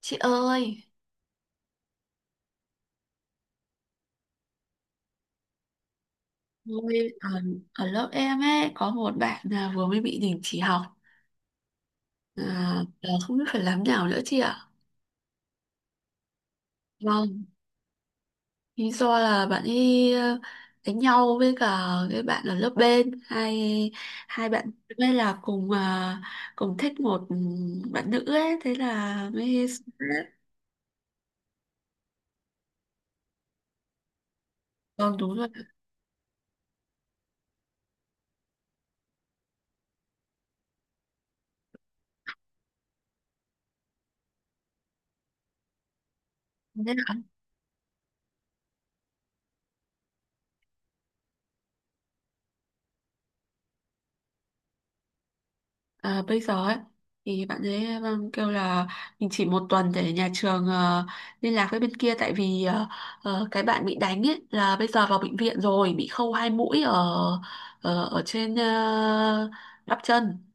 Chị ơi, tôi ở, ở lớp em ấy có một bạn là vừa mới bị đình chỉ học, là không biết phải làm nào nữa chị ạ. Vâng, lý do là bạn ấy, đánh nhau với cả cái bạn ở lớp bên. Hai hai bạn mới là cùng, cùng thích một, bạn nữ ấy, thế là mới. Vâng, đúng rồi, thế là. À, bây giờ ấy thì bạn ấy, vâng, kêu là mình chỉ một tuần để nhà trường, liên lạc với bên kia, tại vì, cái bạn bị đánh ấy là bây giờ vào bệnh viện rồi bị khâu hai mũi ở ở trên, bắp chân.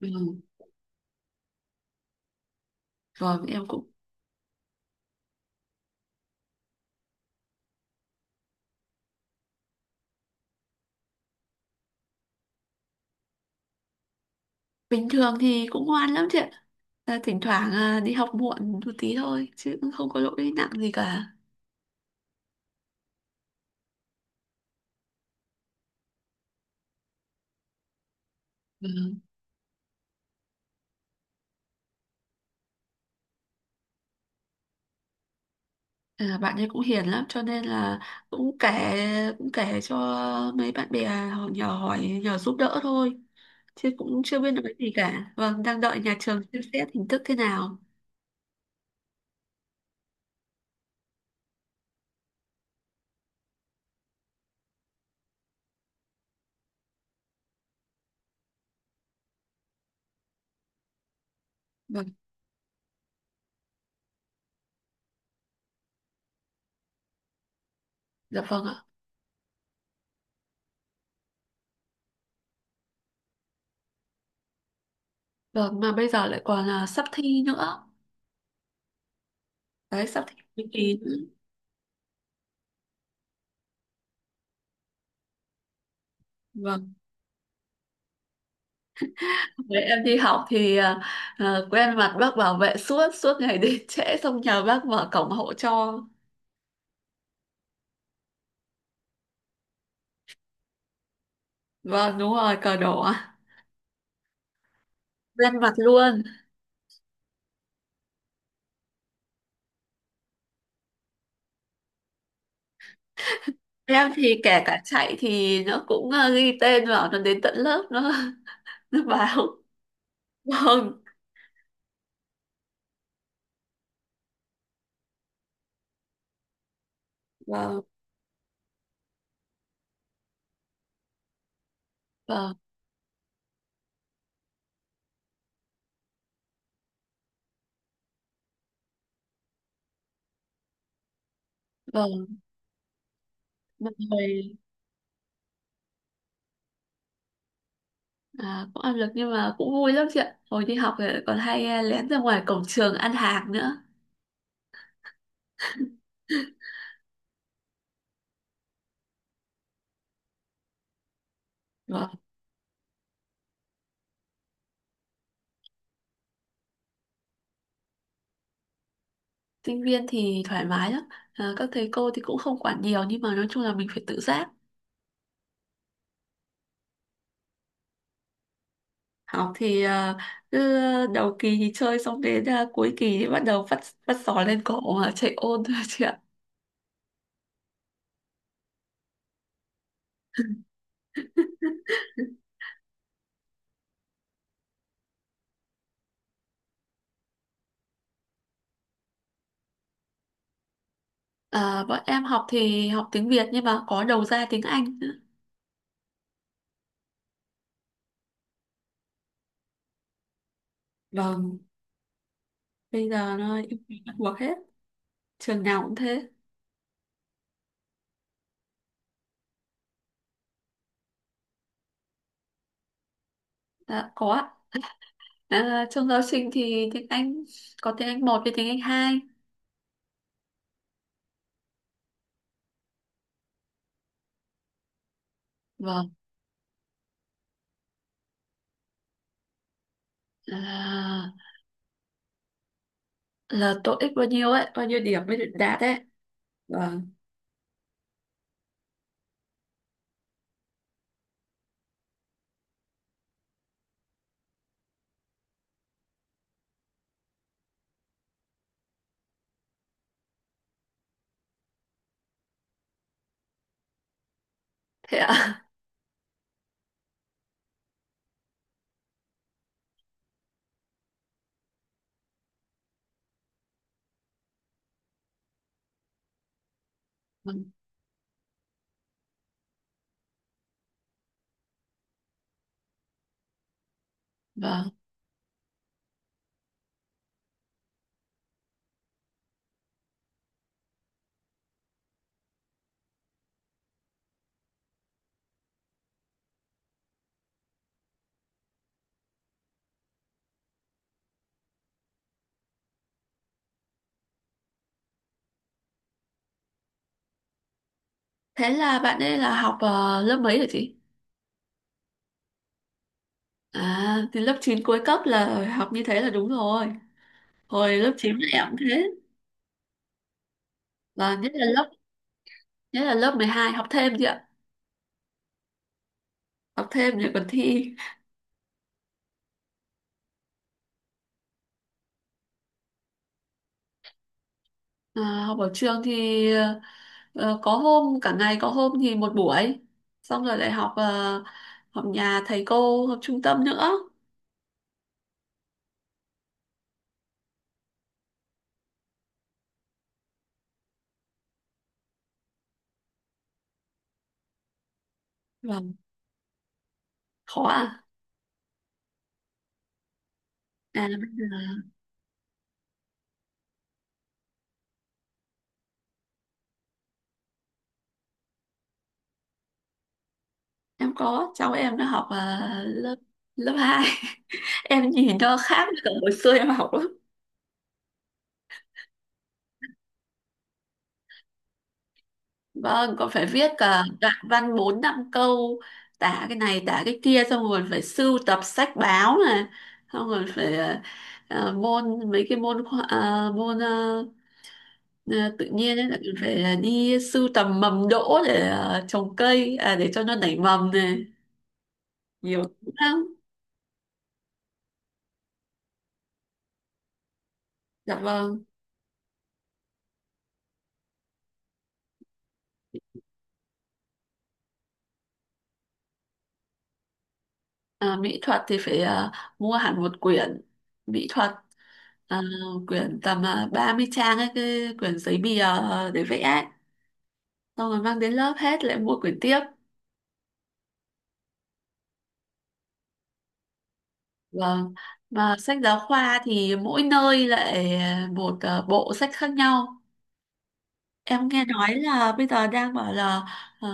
Ừ. Rồi em cũng. Bình thường thì cũng ngoan lắm chị ạ, thỉnh thoảng đi học muộn một tí thôi chứ cũng không có lỗi nặng gì cả. Ừ. À, bạn ấy cũng hiền lắm cho nên là cũng kể cũng kể cho mấy bạn bè họ nhờ hỏi nhờ giúp đỡ thôi, chứ cũng chưa biết được cái gì cả. Vâng, đang đợi nhà trường xem xét hình thức thế nào. Vâng. Dạ vâng ạ. Vâng, mà bây giờ lại còn là sắp thi nữa. Đấy, sắp thi cuối kỳ nữa. Vâng. Với em đi học thì, quen mặt bác bảo vệ, suốt suốt ngày đến trễ xong nhờ bác mở cổng hộ cho. Vâng, đúng rồi, cờ đỏ. Quen mặt luôn. Em thì kể cả chạy thì nó cũng, ghi tên vào nó đến tận lớp nó nó báo. Vâng. Vâng. Vâng. Vâng. Mà hồi, cũng áp lực nhưng mà cũng vui lắm chị ạ. Hồi đi học thì còn hay, lén ra ngoài cổng trường ăn hàng nữa. Vâng. Sinh viên thì thoải mái lắm, các thầy cô thì cũng không quản nhiều nhưng mà nói chung là mình phải tự giác. Học thì, cứ đầu kỳ thì chơi, xong đến, cuối kỳ thì bắt đầu phát phát sỏi lên cổ mà chạy ôn thôi chị ạ. À, bọn em học thì học tiếng Việt nhưng mà có đầu ra tiếng Anh nữa. Vâng, bây giờ nó yêu cầu bắt buộc hết, trường nào cũng thế. Dạ, có ạ. À, trong giáo trình thì tiếng Anh có tiếng Anh một với tiếng Anh hai. Vâng, là, là TOEIC bao nhiêu ấy, bao nhiêu điểm mới được đạt ấy. Vâng, thế ạ. Vâng, vâng. Thế là bạn ấy là học, lớp mấy hả chị? À, thì lớp 9 cuối cấp là học như thế là đúng rồi. Hồi lớp 9 em cũng thế. Vâng, nhất là lớp 12 học thêm chứ, học thêm để còn thi. Học ở trường thì, có hôm cả ngày có hôm thì một buổi, xong rồi lại học, học nhà thầy cô, học trung tâm nữa. Vâng, khó à? À, bây giờ em có cháu em nó học, ờ, lớp lớp hai. Em nhìn nó khác với cả hồi xưa em học lắm. Vâng, còn phải viết cả đoạn văn 4 5 câu, tả cái này tả cái kia, xong rồi phải sưu tập sách báo này, xong rồi phải, môn mấy cái môn khoa- tự nhiên ấy là mình phải đi sưu tầm mầm đỗ để, trồng cây, để cho nó nảy mầm này, nhiều thứ lắm. Dạ vâng. Ờ, mỹ thuật thì phải, mua hẳn một quyển mỹ thuật, ờ, quyển tầm 30 trang ấy, cái quyển giấy bìa, để vẽ ấy. Xong rồi mang đến lớp hết lại mua quyển tiếp. Vâng. Và sách giáo khoa thì mỗi nơi lại, một, bộ sách khác nhau. Em nghe nói là bây giờ đang bảo là, ờ,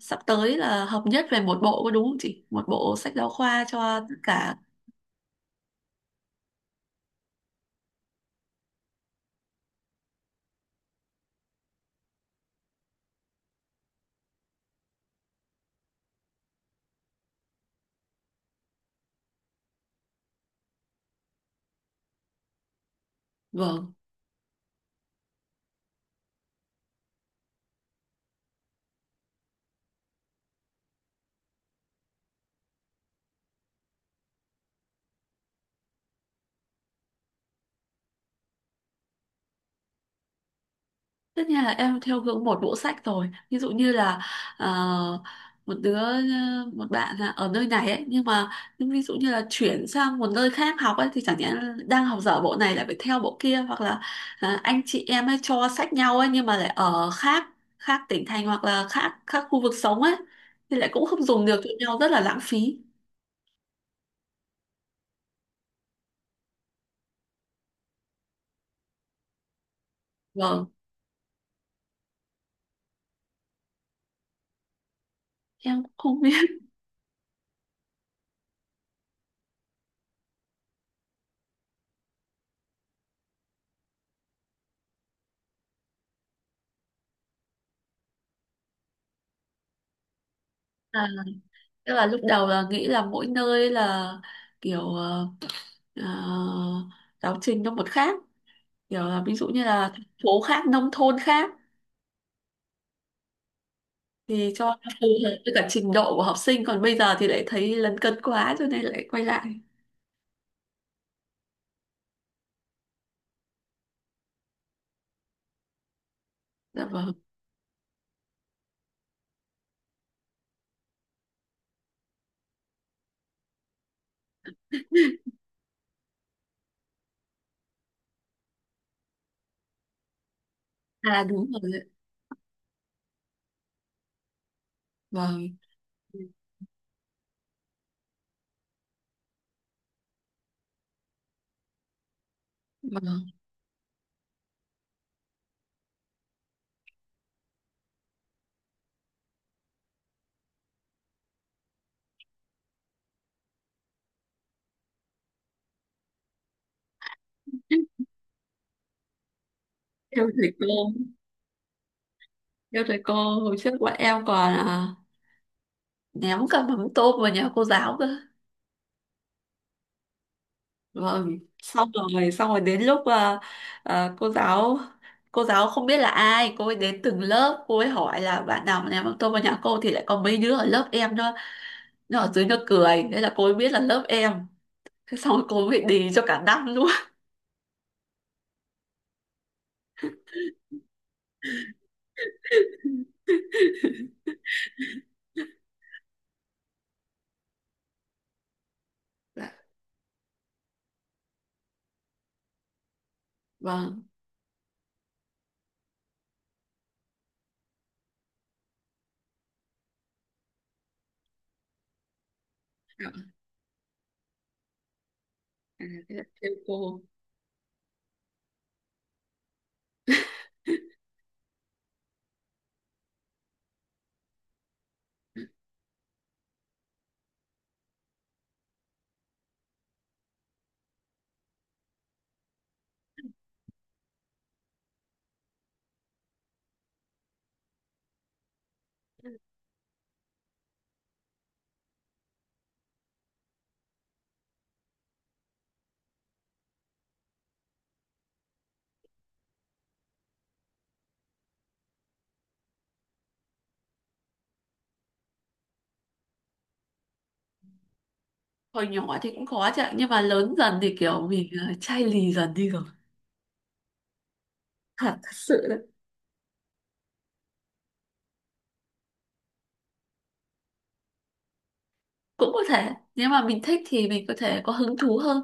sắp tới là hợp nhất về một bộ, có đúng không chị, một bộ sách giáo khoa cho tất cả. Vâng. Tất nhiên là em theo hướng một bộ sách rồi. Ví dụ như là, ờ, một đứa ờ, một bạn là ở nơi này ấy, nhưng ví dụ như là chuyển sang một nơi khác học ấy thì chẳng nhẽ đang học dở bộ này lại phải theo bộ kia, hoặc là, anh chị em ấy cho sách nhau ấy nhưng mà lại ở khác, tỉnh thành, hoặc là khác, khu vực sống ấy thì lại cũng không dùng được cho nhau, rất là lãng phí. Vâng, em cũng không biết. là tức là lúc đầu là nghĩ là mỗi nơi là kiểu, ờ, giáo trình nó một khác, kiểu là ví dụ như là thành phố khác nông thôn khác thì cho nó phù hợp với cả trình độ của học sinh, còn bây giờ thì lại thấy lấn cấn quá cho nên lại quay lại. Dạ vâng. À đúng rồi đấy. Vâng, vâng. Theo thầy cô, theo thầy cô, hồi trước bọn em còn, ném cả mắm tôm vào nhà cô giáo cơ. Vâng, xong rồi đến lúc, à, cô giáo cô giáo không biết là ai, cô ấy đến từng lớp, cô ấy hỏi là bạn nào mà ném mắm tôm vào nhà cô, thì lại có mấy đứa ở lớp em nữa nhưng ở dưới nó cười thế là cô ấy biết là lớp em. Thế xong rồi cô ấy bị đì cho cả năm luôn. Dạ, vâng. à, thế là trêu cô. Hồi nhỏ thì cũng khó chứ ạ, nhưng mà lớn dần thì kiểu mình, chai lì dần đi rồi. Thật thật sự đấy. Cũng có thể nếu mà mình thích thì mình có thể có hứng thú hơn,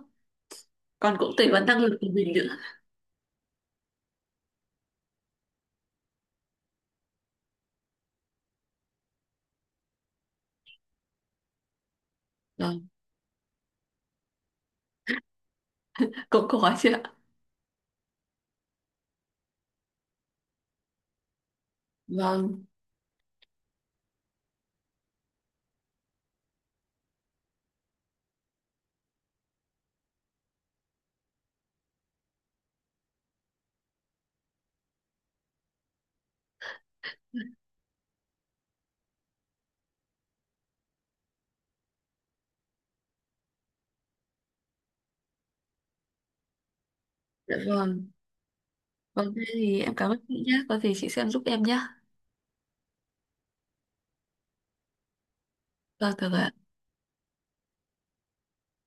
còn cũng tùy vào năng lực của mình nữa. Vâng. Cũng khó chứ ạ. Vâng. Dạ vâng. Vâng, thế thì em cảm ơn chị nhé, có gì chị xem giúp em nhé. Vâng, được ạ.